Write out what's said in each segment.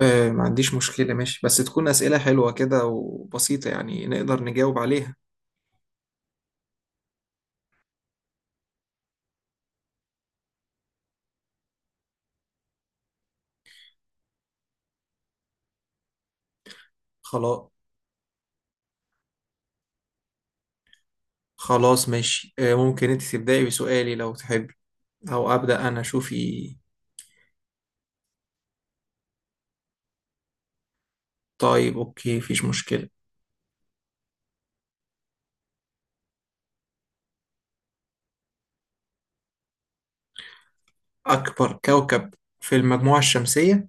ما عنديش مشكلة. ماشي، بس تكون أسئلة حلوة كده وبسيطة، يعني نقدر نجاوب عليها. خلاص. خلاص ماشي، ممكن أنت تبدأي بسؤالي لو تحبي؟ أو أبدأ أنا، شوفي. طيب أوكي، مفيش مشكلة. أكبر كوكب في المجموعة الشمسية؟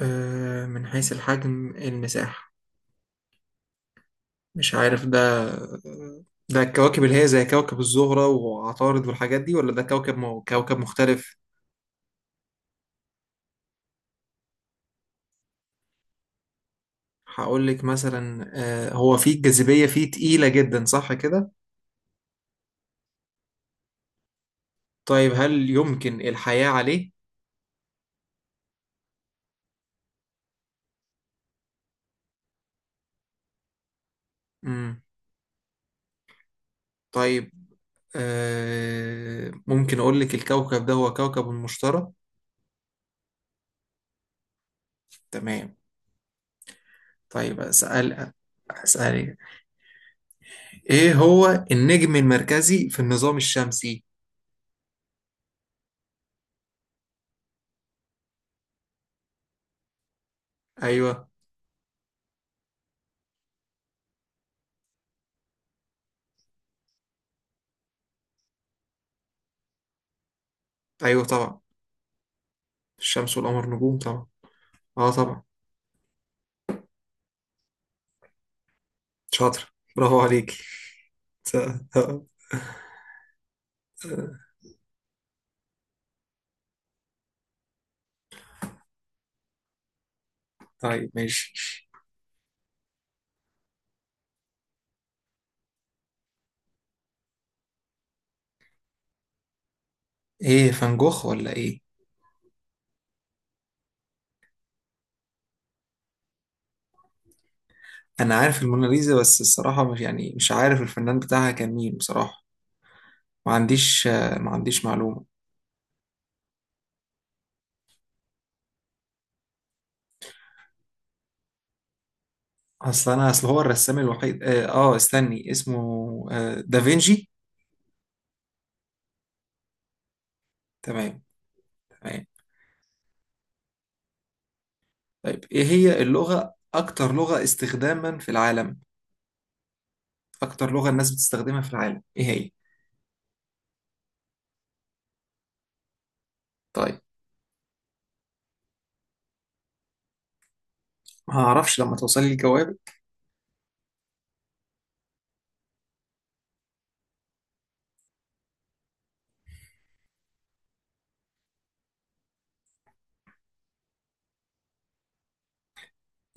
من حيث الحجم، المساحة. مش عارف ده. ده الكواكب اللي هي زي كوكب الزهرة وعطارد والحاجات دي، ولا ده كوكب مختلف؟ هقول لك مثلا، هو فيه الجاذبية، فيه تقيلة جدا صح كده؟ طيب هل يمكن الحياة عليه؟ مم. طيب، ممكن أقول لك الكوكب ده هو كوكب المشتري؟ تمام. طيب أسأل. أسألك، إيه هو النجم المركزي في النظام الشمسي؟ أيوه. أيوه طبعا، الشمس والقمر نجوم طبعا. أه طبعا. شاطر، برافو عليك. طيب ماشي. إيه، فان جوخ ولا إيه؟ انا عارف الموناليزا، بس الصراحه مش يعني مش عارف الفنان بتاعها كان مين بصراحه. ما عنديش معلومه. اصل انا اصل هو الرسام الوحيد، استني اسمه. آه، دافينشي. تمام. تمام. طيب، ايه هي اكتر لغه استخداما في العالم؟ اكتر لغه الناس بتستخدمها في العالم ايه هي؟ طيب، ما اعرفش لما توصلي الجواب.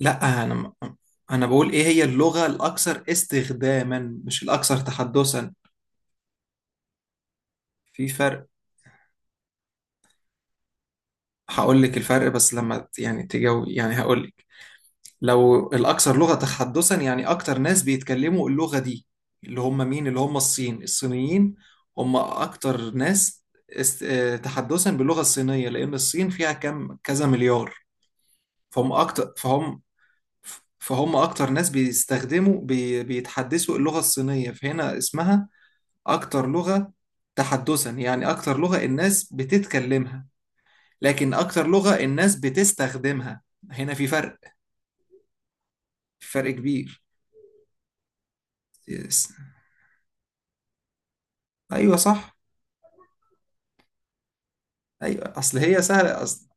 لا انا م- انا بقول ايه هي اللغه الاكثر استخداما، مش الاكثر تحدثا. في فرق. هقول لك الفرق بس لما تجاوب، يعني هقول لك. لو الأكثر لغة تحدثا، يعني أكتر ناس بيتكلموا اللغة دي، اللي هم مين؟ اللي هم الصين، الصينيين. هم أكتر ناس است... آه، تحدثا باللغة الصينية، لأن الصين فيها كم كذا مليار. فهم فهم أكتر ناس بيتحدثوا اللغة الصينية، فهنا اسمها أكتر لغة تحدثا، يعني أكتر لغة الناس بتتكلمها. لكن أكتر لغة الناس بتستخدمها، هنا في فرق. في فرق كبير. يس. أيوة صح. أيوة، أصل هي سهلة أصلا.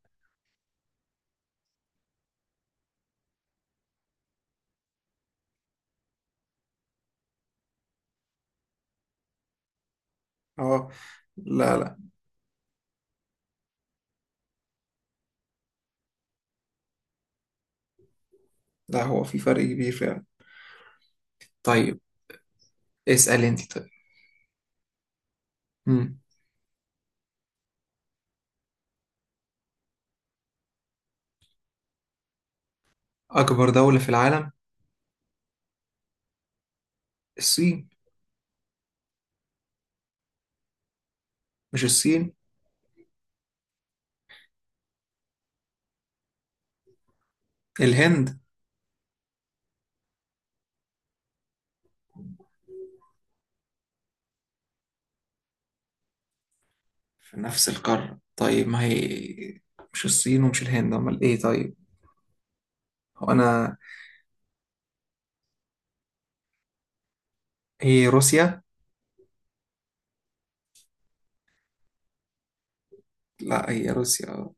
أه. لا لا لا، هو في فرق كبير فعلا. طيب، اسأل أنت طيب. مم. أكبر دولة في العالم؟ الصين. مش الصين؟ الهند. في نفس القارة؟ طيب، ما هي مش الصين ومش الهند، أمال إيه طيب؟ هو أنا هي روسيا. لا هي روسيا، آه.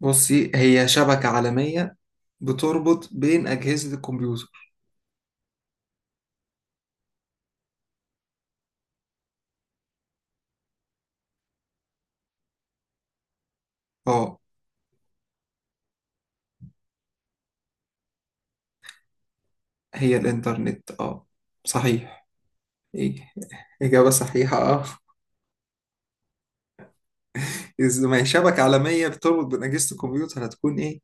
بصي، هي شبكة عالمية بتربط بين أجهزة الكمبيوتر. اه، هي الإنترنت، آه. صحيح. إيه. إجابة صحيحة، آه. إذا ما هي شبكة عالمية بتربط بين أجهزة الكمبيوتر، هتكون إيه؟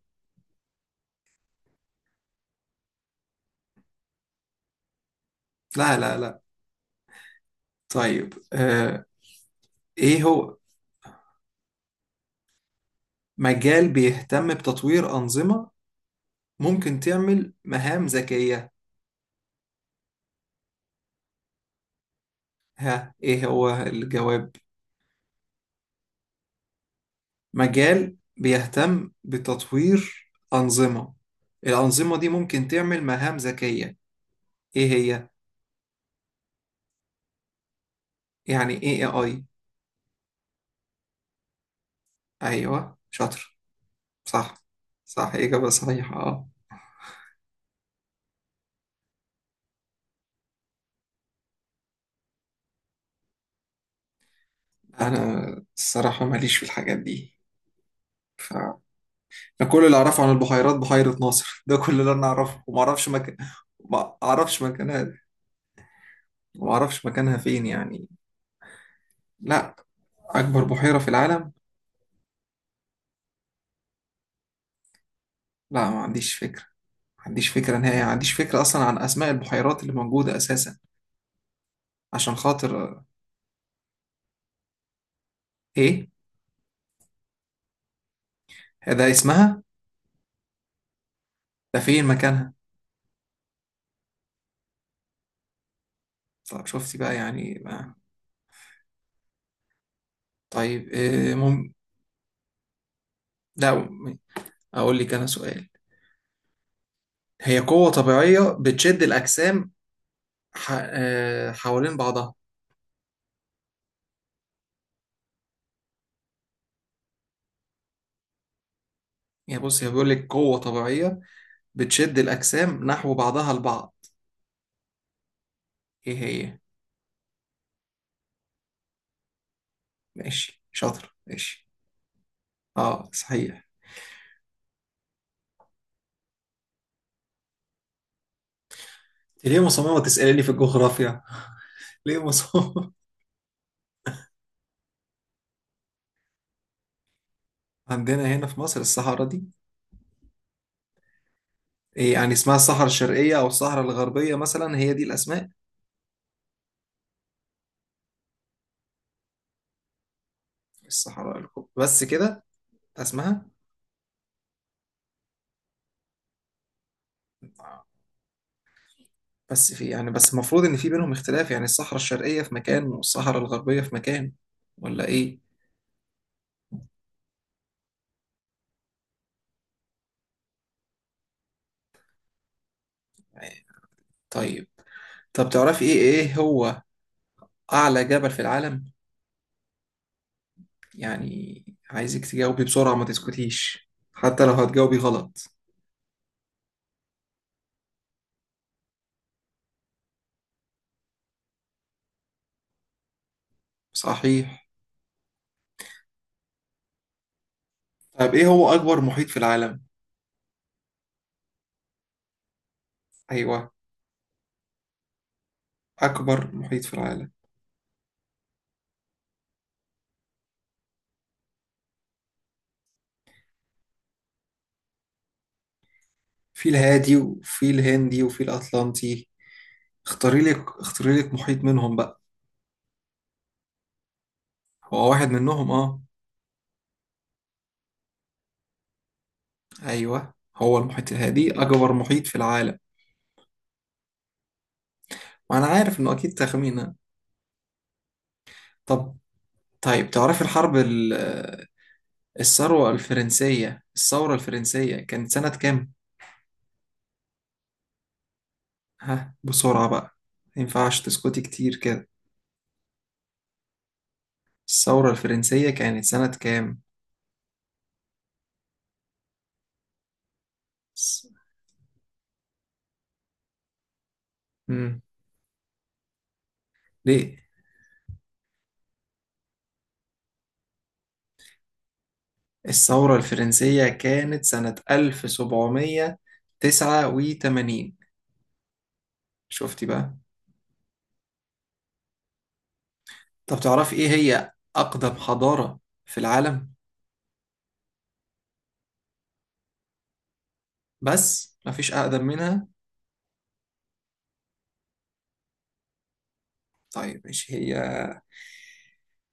لا لا لا. طيب، إيه هو مجال بيهتم بتطوير أنظمة ممكن تعمل مهام ذكية؟ ها، إيه هو الجواب؟ مجال بيهتم بتطوير أنظمة، الأنظمة دي ممكن تعمل مهام ذكية. إيه هي؟ يعني إيه إيه آي؟ أيوه شاطر. صح. صح، إجابة صحيحة، اه. أنا الصراحة ماليش في الحاجات دي، ف أنا كل اللي أعرفه عن البحيرات بحيرة ناصر، ده كل اللي أنا أعرفه. وما أعرفش مكان. ما أعرفش مكانها. وما أعرفش مكانها فين يعني. لا. أكبر بحيرة في العالم؟ لا، ما عنديش فكرة. ما عنديش فكرة نهائي، ما عنديش فكرة أصلا عن أسماء البحيرات اللي موجودة أساسا. عشان خاطر إيه؟ ده اسمها؟ ده فين مكانها؟ طب شفتي بقى، يعني ما. طيب إيه لا، أقول لك أنا سؤال. هي قوة طبيعية بتشد الأجسام ح... آه، حوالين بعضها. يعني بص، هي بيقول لك قوة طبيعية بتشد الأجسام نحو بعضها البعض. إيه هي؟ ماشي شاطر، ماشي. أه، صحيح. ليه مصممة تسألني في الجغرافيا؟ ليه مصممة؟ عندنا هنا في مصر الصحراء دي؟ إيه، يعني اسمها الصحراء الشرقية أو الصحراء الغربية مثلا، هي دي الأسماء؟ الصحراء الكبرى بس كده؟ ده اسمها؟ بس في، يعني بس المفروض ان في بينهم اختلاف، يعني الصحراء الشرقية في مكان والصحراء الغربية في مكان، ولا ايه؟ يعني طيب. طب تعرفي ايه هو اعلى جبل في العالم؟ يعني عايزك تجاوبي بسرعة، ما تسكتيش حتى لو هتجاوبي غلط. صحيح. طب، ايه هو اكبر محيط في العالم؟ ايوه، اكبر محيط في العالم. في الهادي، وفي الهندي، وفي الاطلنطي. اختاري لك محيط منهم بقى. هو واحد منهم، اه. ايوه، هو المحيط الهادي اكبر محيط في العالم. وانا عارف انه اكيد تخمينة. طب. طيب تعرفي الثورة الفرنسية كانت سنة كام؟ ها، بسرعة بقى، ما ينفعش تسكتي كتير كده. الثورة الفرنسية كانت سنة كام؟ س- مم. ليه؟ الثورة الفرنسية كانت سنة 1789. شفتي بقى؟ طب تعرفي ايه هي أقدم حضارة في العالم؟ بس مفيش أقدم منها؟ طيب ماشي، هي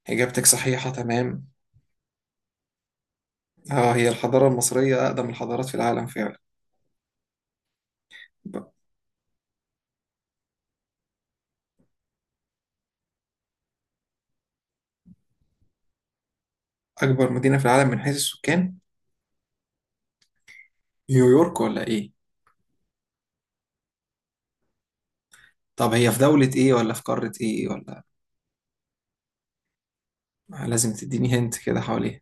إجابتك صحيحة تمام. اه، هي الحضارة المصرية أقدم الحضارات في العالم فعلا. أكبر مدينة في العالم من حيث السكان؟ نيويورك ولا إيه؟ طب هي في دولة إيه، ولا في قارة إيه، ولا لازم تديني هنت كده حواليها.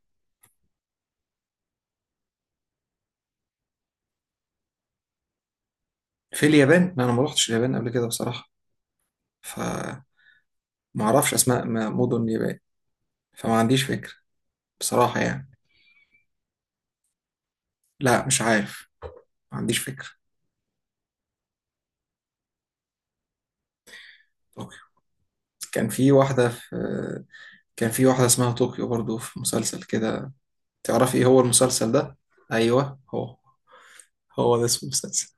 في اليابان؟ لا، أنا ما روحتش اليابان قبل كده بصراحة، فما أعرفش أسماء مدن اليابان، فما عنديش فكرة بصراحة يعني. لا، مش عارف. ما عنديش فكرة. طوكيو. كان في واحدة في كان في واحدة اسمها طوكيو برضو في مسلسل كده. تعرفي إيه هو المسلسل ده؟ أيوه هو. هو ده اسم المسلسل.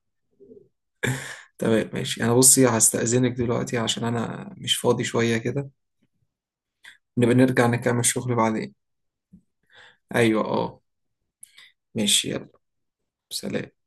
تمام ماشي. انا بصي هستأذنك دلوقتي، عشان انا مش فاضي شوية كده. نبقى نرجع نكمل شغل بعدين. ايوه، اه. ماشي يلا. سلام.